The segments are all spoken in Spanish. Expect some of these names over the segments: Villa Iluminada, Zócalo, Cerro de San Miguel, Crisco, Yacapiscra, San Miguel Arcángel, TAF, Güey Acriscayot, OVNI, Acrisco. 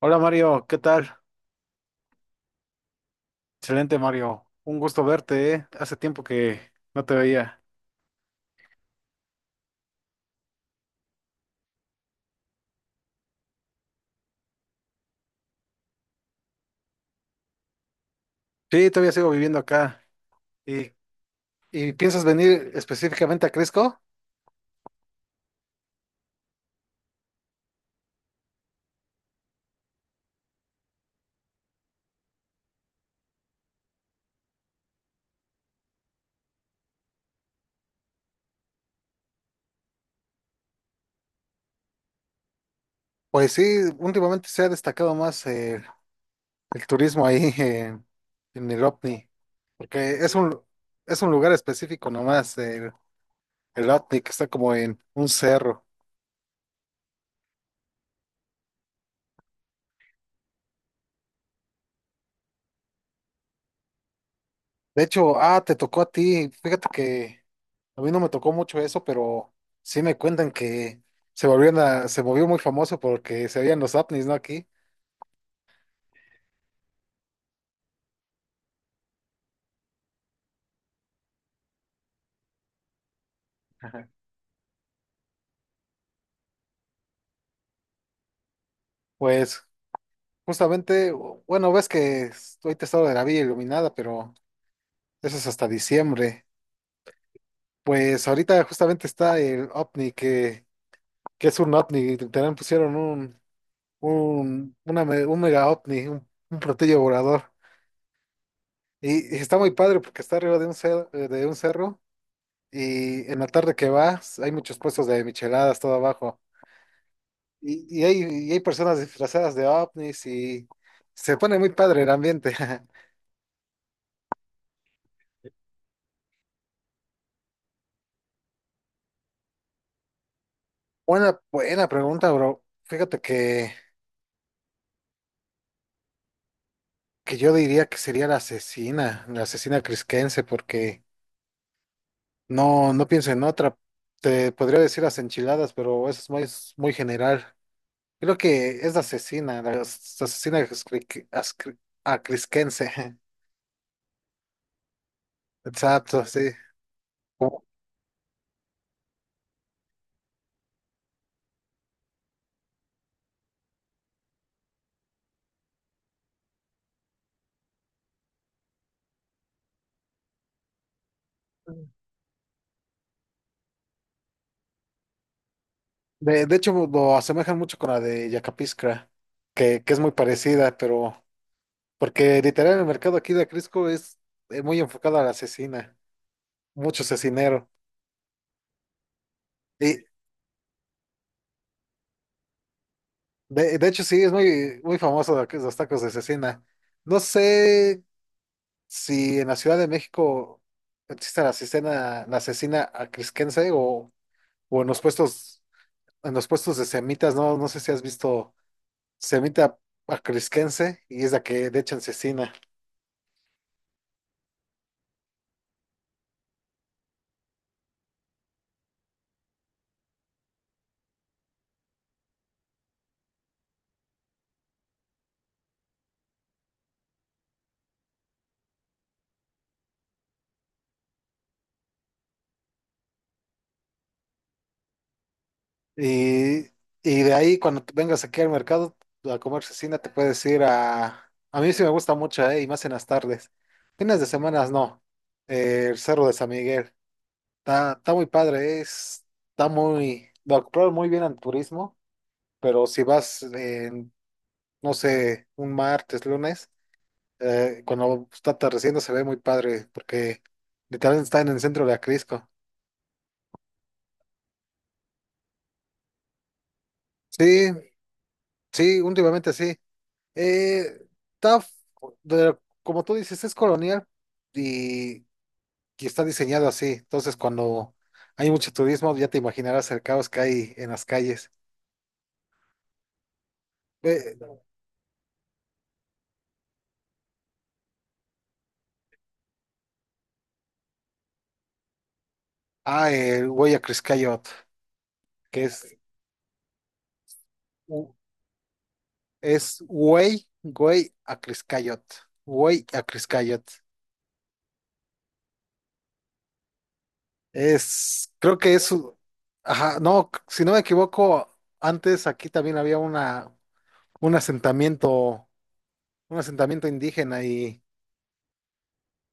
Hola Mario, ¿qué tal? Excelente Mario, un gusto verte, ¿eh? Hace tiempo que no te veía. Sí, todavía sigo viviendo acá. ¿Y, y piensas venir específicamente a Crisco? Pues sí, últimamente se ha destacado más el turismo ahí en el OVNI, porque es un lugar específico nomás, el OVNI que está como en un cerro. De hecho, ah, te tocó a ti. Fíjate que a mí no me tocó mucho eso, pero sí me cuentan que se volvió muy famoso porque se veían los ovnis, ¿no? Aquí. Ajá. Pues justamente, bueno, ves que estoy testado de la Villa Iluminada, pero eso es hasta diciembre. Pues ahorita justamente está el ovni, que es un ovni, también pusieron un mega ovni, un platillo volador. Y está muy padre porque está arriba de de un cerro. Y en la tarde que vas, hay muchos puestos de micheladas todo abajo. Y, y hay, y hay personas disfrazadas de ovnis y se pone muy padre el ambiente. Buena pregunta, bro. Fíjate que yo diría que sería la asesina crisquense, porque no pienso en otra. Te podría decir las enchiladas, pero eso es es muy general. Creo que es la asesina, la as- asesina crisque- ascri- acrisquense. Exacto, sí. De hecho, lo asemejan mucho con la de Yacapiscra, que es muy parecida, pero porque literal el mercado aquí de Acrisco es, muy enfocado a la asesina, mucho cecinero. Y de hecho, sí, es muy famoso lo que es los tacos de cecina. No sé si en la Ciudad de México existe la asesina acrisquense o, o en los puestos, en los puestos de semitas, no sé si has visto semita acrisquense y es la que le echan cecina. Y, y de ahí, cuando te vengas aquí al mercado a comer cecina, te puedes ir a... A mí sí me gusta mucho, y más en las tardes. Fines de semanas no. El Cerro de San Miguel. Está muy padre, es, está muy... Lo acoplaron muy bien al turismo, pero si vas, en, no sé, lunes, cuando está atardeciendo se ve muy padre, porque literalmente está en el centro de Acrisco. Sí, sí, últimamente sí. Eh, TAF, de- como tú dices, es colonial y, y está diseñado así. Entonces, cuando hay mucho turismo, ya te imaginarás el caos que hay en las calles. Eh, ah, el Güey Acriscayot, que es, u- es Güey Acriscayot. Güey Acriscayot. Es, creo que es, u- ajá, no, si no me equivoco, antes aquí también había una, un asentamiento, un asentamiento indígena y.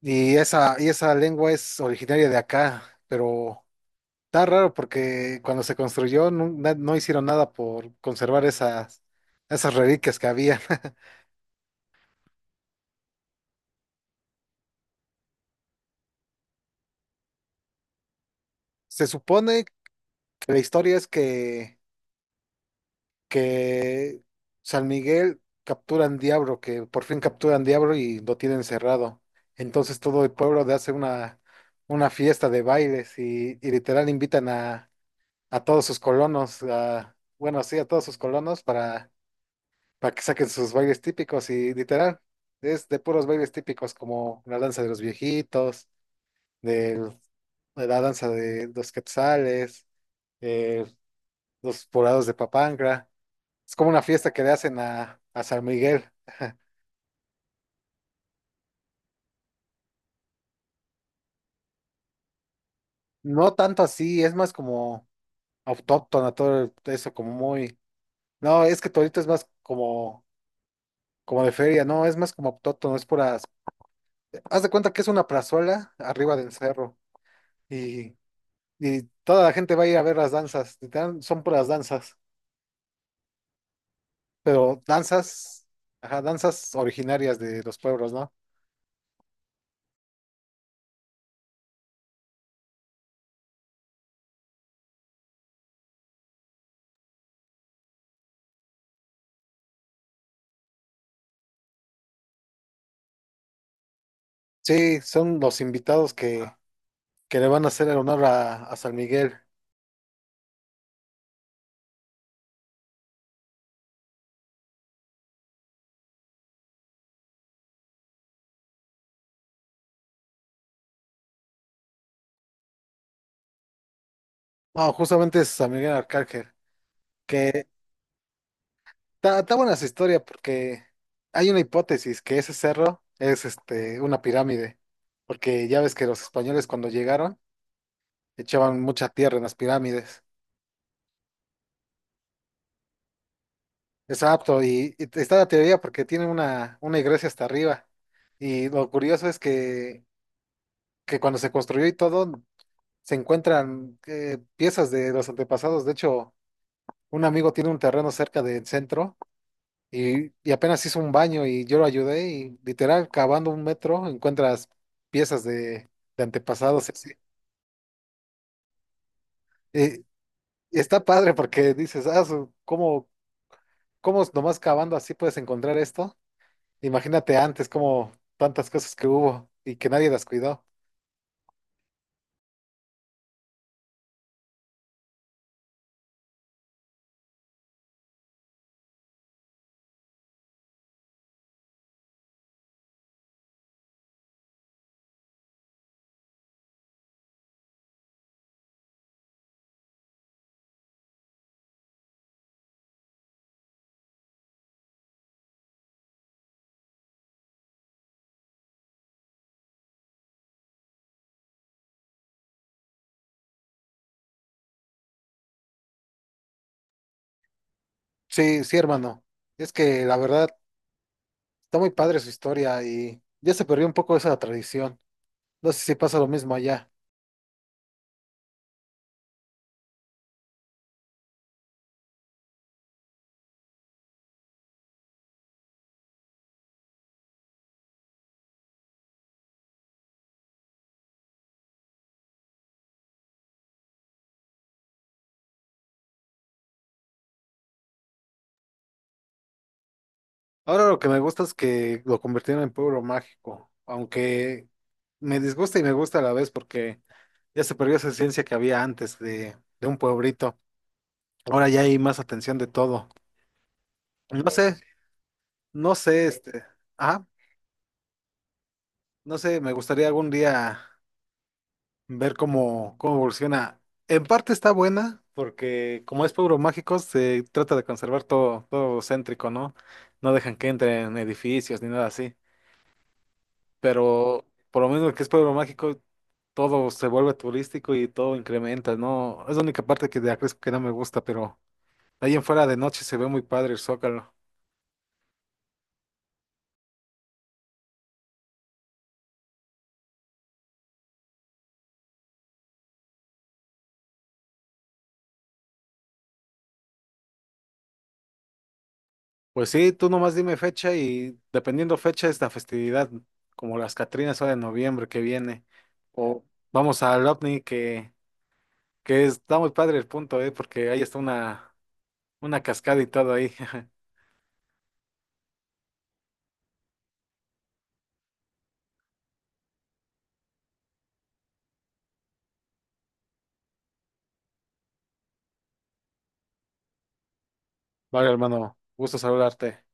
Y esa lengua es originaria de acá, pero está raro porque cuando se construyó nu- na- no, hicieron nada por conservar esas reliquias que había. Se supone que la historia es que San Miguel capturan Diablo, que por fin capturan Diablo y lo tienen cerrado. Entonces todo el pueblo le hace una fiesta de bailes y literal invitan a todos sus colonos, a, bueno, sí, a todos sus colonos para que saquen sus bailes típicos y literal, es de puros bailes típicos como la danza de los viejitos, del- de la danza de los quetzales, eh, los poblados de Papantla. Es como una fiesta que le hacen a San Miguel. No tanto así, es más como autóctona, todo el- eso como muy... No, es que Torito es más como de feria, no, es más como autóctono, es pura... Haz de cuenta que es una plazuela arriba del cerro y. Y toda la gente va a ir a ver las danzas, literal, son puras danzas, pero danzas, ajá, danzas originarias de los pueblos, ¿no? Sí, son los invitados que le van a hacer el honor a San Miguel. No, justamente es San Miguel Arcángel, que está está buena esa historia porque hay una hipótesis que ese cerro es este, una pirámide, porque ya ves que los españoles cuando llegaron echaban mucha tierra en las pirámides. Exacto, y está la teoría porque tiene una iglesia hasta arriba. Y lo curioso es que cuando se construyó y todo, se encuentran piezas de los antepasados. De hecho, un amigo tiene un terreno cerca del centro y apenas hizo un baño y yo lo ayudé y literal, cavando un metro, encuentras piezas de antepasados. Y así. Y- y está padre porque dices, ah, ¿cómo nomás cavando así puedes encontrar esto? Imagínate antes como tantas cosas que hubo y que nadie las cuidó. Sí, sí, hermano. Es que la verdad está muy padre su historia y ya se perdió un poco esa tradición. No sé si pasa lo mismo allá. Ahora lo que me gusta es que lo convirtieron en pueblo mágico, aunque me disgusta y me gusta a la vez porque ya se perdió esa esencia que había antes de un pueblito. Ahora ya hay más atención de todo. No sé, no sé, este, ajá, no sé, me gustaría algún día ver cómo evoluciona. En parte está buena, porque como es pueblo mágico, se trata de conservar todo, todo céntrico, ¿no? No dejan que entren edificios ni nada así. Pero por lo menos que es pueblo mágico, todo se vuelve turístico y todo incrementa, ¿no? Es la única parte que de Acrisco que no me gusta, pero ahí en fuera de noche se ve muy padre el Zócalo. Pues sí, tú nomás dime fecha y dependiendo fecha es la festividad, como las Catrinas ahora en noviembre que viene. O vamos al OVNI que está muy padre el punto, ¿eh? Porque ahí está una cascada y todo ahí. Vale, hermano, gusto saludarte.